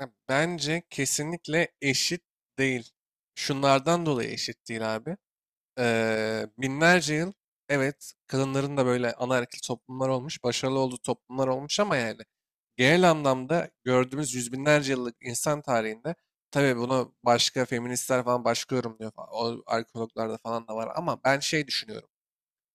Bence kesinlikle eşit değil. Şunlardan dolayı eşit değil abi. Binlerce yıl, evet, kadınların da böyle anaerkil toplumlar olmuş, başarılı olduğu toplumlar olmuş, ama yani genel anlamda gördüğümüz yüz binlerce yıllık insan tarihinde, tabii bunu başka feministler falan başka yorumluyor falan, o arkeologlarda falan da var, ama ben şey düşünüyorum.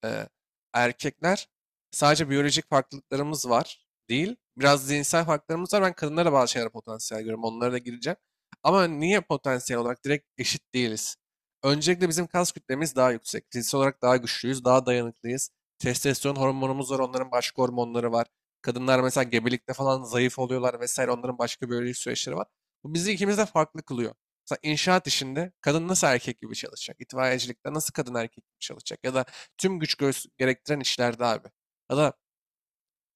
e, Erkekler sadece biyolojik farklılıklarımız var değil. Biraz zihinsel farklılıklarımız var. Ben kadınlara bazı şeyler potansiyel görüyorum. Onlara da gireceğim. Ama niye potansiyel olarak direkt eşit değiliz? Öncelikle bizim kas kütlemiz daha yüksek. Fiziksel olarak daha güçlüyüz, daha dayanıklıyız. Testosteron hormonumuz var, onların başka hormonları var. Kadınlar mesela gebelikte falan zayıf oluyorlar vesaire. Onların başka biyolojik süreçleri var. Bu bizi ikimiz de farklı kılıyor. Mesela inşaat işinde kadın nasıl erkek gibi çalışacak? İtfaiyecilikte nasıl kadın erkek gibi çalışacak? Ya da tüm güç gerektiren işlerde abi. Ya da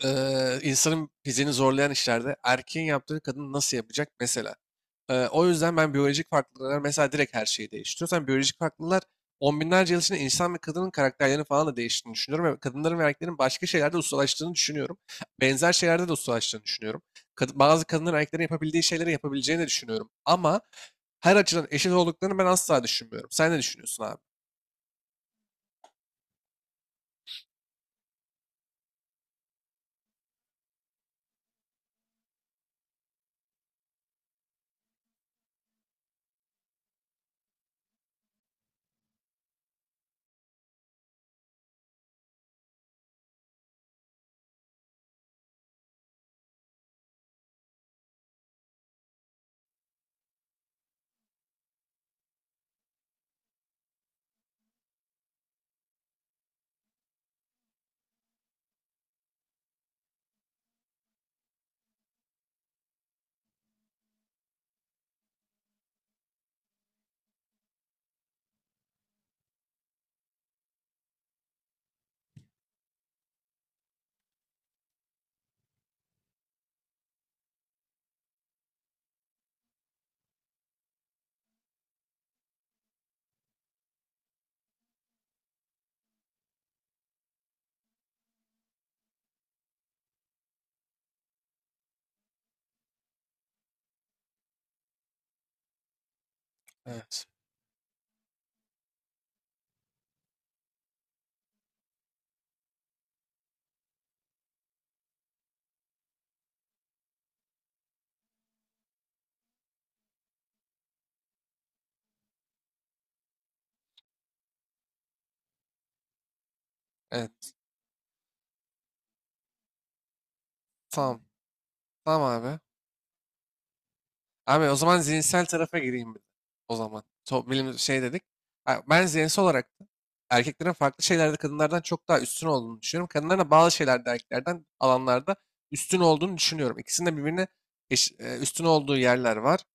insanın fiziğini zorlayan işlerde erkeğin yaptığını kadın nasıl yapacak mesela. O yüzden ben biyolojik farklılıklar mesela direkt her şeyi değiştiriyor. Sen biyolojik farklılıklar on binlerce yıl içinde insan ve kadının karakterlerini falan da değiştiğini düşünüyorum. Ve kadınların ve erkeklerin başka şeylerde ustalaştığını düşünüyorum. Benzer şeylerde de ustalaştığını düşünüyorum. Bazı kadınların erkeklerin yapabildiği şeyleri yapabileceğini de düşünüyorum. Ama her açıdan eşit olduklarını ben asla düşünmüyorum. Sen ne düşünüyorsun abi? Evet. Evet. Tamam. Tamam abi. Abi, o zaman zihinsel tarafa gireyim bir de. O zaman. So, bilim şey dedik. Ha, ben zihinsel olarak da erkeklerin farklı şeylerde kadınlardan çok daha üstün olduğunu düşünüyorum. Kadınların da bazı şeylerde erkeklerden alanlarda üstün olduğunu düşünüyorum. İkisinin de birbirine üstün olduğu yerler var.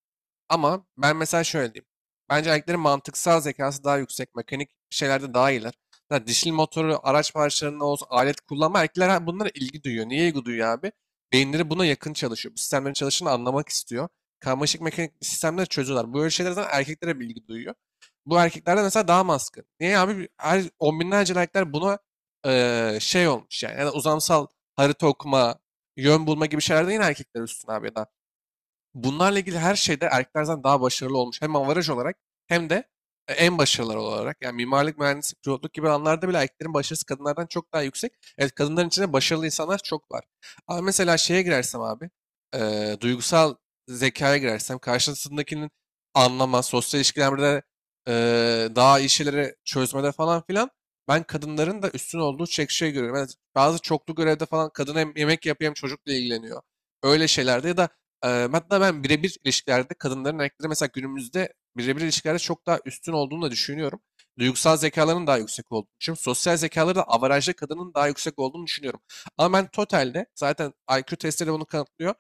Ama ben mesela şöyle diyeyim. Bence erkeklerin mantıksal zekası daha yüksek. Mekanik şeylerde daha iyiler. Zaten dişli motoru, araç parçalarının olsun, alet kullanma. Erkekler bunlara ilgi duyuyor. Niye ilgi duyuyor abi? Beyinleri buna yakın çalışıyor. Bu sistemlerin çalışını anlamak istiyor. Karmaşık mekanik sistemleri çözüyorlar. Böyle şeyler zaten erkeklere bir ilgi duyuyor. Bu erkeklerde mesela daha maskın. Niye abi? Her on binlerce erkekler buna şey olmuş yani. Yani uzamsal harita okuma, yön bulma gibi şeylerde yine erkekler üstün abi, ya da bunlarla ilgili her şeyde erkeklerden daha başarılı olmuş. Hem avaraj olarak hem de en başarılılar olarak. Yani mimarlık, mühendislik, pilotluk gibi alanlarda bile erkeklerin başarısı kadınlardan çok daha yüksek. Evet, kadınların içinde başarılı insanlar çok var. Ama mesela şeye girersem abi, duygusal zekaya girersem karşısındakinin anlama, sosyal ilişkilerde e, daha iyi şeyleri çözmede falan filan, ben kadınların da üstün olduğu çek şey görüyorum. Yani bazı çoklu görevde falan kadın hem yemek yapıyor hem çocukla ilgileniyor. Öyle şeylerde ya da hatta ben birebir ilişkilerde kadınların erkeklere mesela günümüzde birebir ilişkilerde çok daha üstün olduğunu da düşünüyorum. Duygusal zekalarının daha yüksek olduğunu düşünüyorum. Sosyal zekaları da avarajda kadının daha yüksek olduğunu düşünüyorum. Ama ben totalde zaten IQ testleri bunu kanıtlıyor.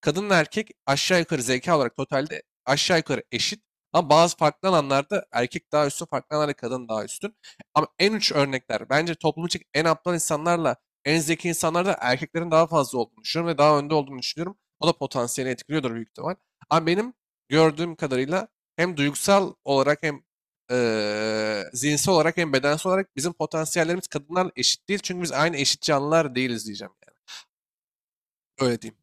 Kadınla erkek aşağı yukarı zeka olarak totalde aşağı yukarı eşit. Ama bazı farklı alanlarda erkek daha üstün, farklı alanlarda kadın daha üstün. Ama en uç örnekler, bence toplum için en aptal insanlarla en zeki insanlarda erkeklerin daha fazla olduğunu düşünüyorum ve daha önde olduğunu düşünüyorum. O da potansiyelini etkiliyordur büyük ihtimal. Ama benim gördüğüm kadarıyla hem duygusal olarak hem zihinsel olarak hem bedensel olarak bizim potansiyellerimiz kadınlarla eşit değil. Çünkü biz aynı eşit canlılar değiliz diyeceğim. Yani. Öyle diyeyim.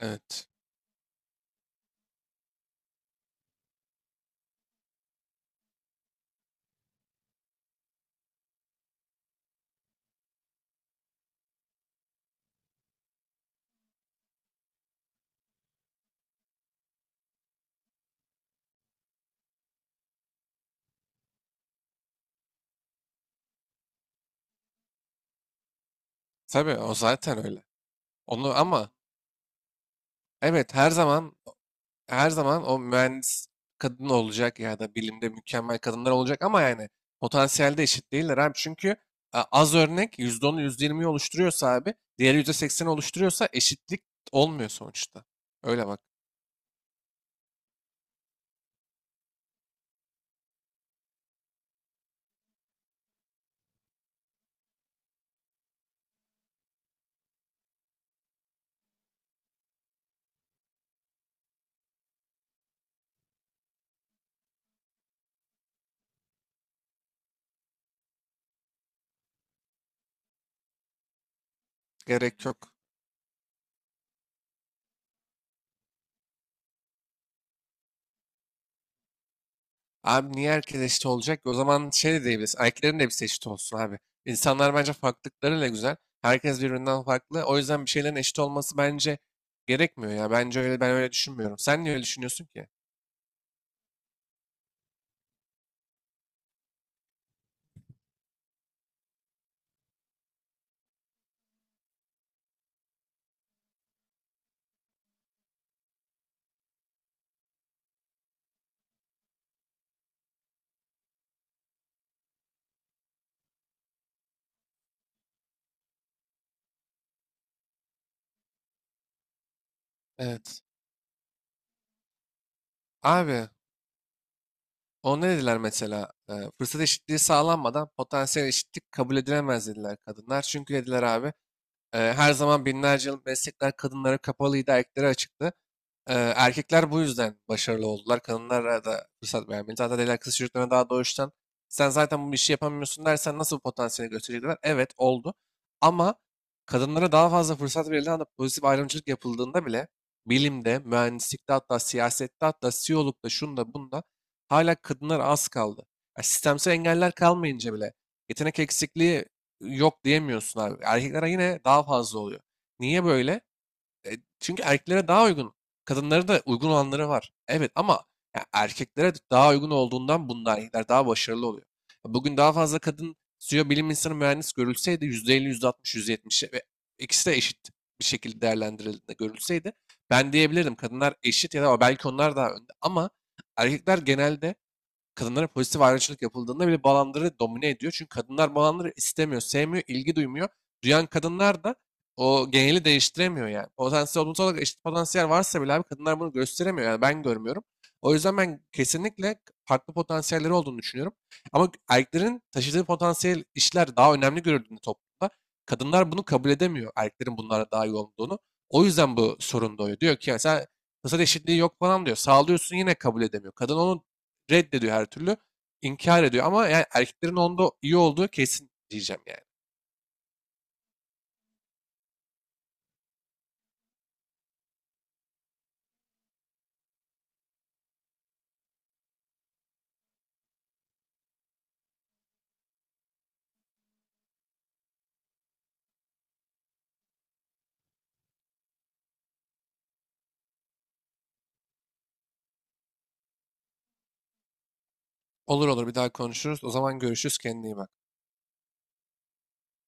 Evet. Tabii, o zaten öyle. Onu ama evet, her zaman, o mühendis kadın olacak ya da bilimde mükemmel kadınlar olacak, ama yani potansiyelde eşit değiller abi. Çünkü az örnek yüzde onu, yüzde %20'yi oluşturuyorsa abi, diğeri %80'i oluşturuyorsa eşitlik olmuyor sonuçta. Öyle bak. Gerek yok. Abi, niye herkes eşit olacak ki? O zaman şey de diyebilirsin. Erkeklerin de hepsi eşit olsun abi. İnsanlar bence farklılıklarıyla güzel. Herkes birbirinden farklı. O yüzden bir şeylerin eşit olması bence gerekmiyor ya. Bence öyle, ben öyle düşünmüyorum. Sen niye öyle düşünüyorsun ki? Evet. Abi, o ne dediler mesela? Fırsat eşitliği sağlanmadan potansiyel eşitlik kabul edilemez dediler kadınlar. Çünkü dediler abi, her zaman binlerce yıl meslekler kadınlara kapalıydı, erkeklere açıktı. Erkekler bu yüzden başarılı oldular. Kadınlara da fırsat vermeli. Zaten el kız çocuklarına daha doğuştan sen zaten bu işi yapamıyorsun dersen nasıl bu potansiyeli gösterecekler? Evet, oldu. Ama kadınlara daha fazla fırsat verildiğinde anda pozitif ayrımcılık yapıldığında bile bilimde, mühendislikte, hatta siyasette, hatta CEO'lukta, şunda bunda hala kadınlar az kaldı. Ya, sistemsel engeller kalmayınca bile yetenek eksikliği yok diyemiyorsun abi. Erkeklere yine daha fazla oluyor. Niye böyle? E, Çünkü erkeklere daha uygun. Kadınlara da uygun olanları var. Evet, ama ya erkeklere daha uygun olduğundan bunda erkekler daha başarılı oluyor. Bugün daha fazla kadın CEO, bilim insanı, mühendis görülseydi %50, %60, %70 ve ikisi de eşit bir şekilde değerlendirildiğinde görülseydi, ben diyebilirdim kadınlar eşit ya da belki onlar daha önde, ama erkekler genelde kadınlara pozitif ayrımcılık yapıldığında bile bu alanları domine ediyor. Çünkü kadınlar bu alanları istemiyor, sevmiyor, ilgi duymuyor. Duyan kadınlar da o geneli değiştiremiyor yani. Potansiyel, toplumsal olarak eşit potansiyel varsa bile abi, kadınlar bunu gösteremiyor. Yani ben görmüyorum. O yüzden ben kesinlikle farklı potansiyelleri olduğunu düşünüyorum. Ama erkeklerin taşıdığı potansiyel işler daha önemli görüldüğünde toplumda. Kadınlar bunu kabul edemiyor. Erkeklerin bunlara daha iyi olduğunu. O yüzden bu sorun doğuyor. Diyor ki mesela fırsat eşitliği yok falan diyor. Sağlıyorsun yine kabul edemiyor. Kadın onu reddediyor her türlü. İnkar ediyor, ama yani erkeklerin onda iyi olduğu kesin diyeceğim yani. Olur olur, bir daha konuşuruz. O zaman görüşürüz. Kendine iyi bak.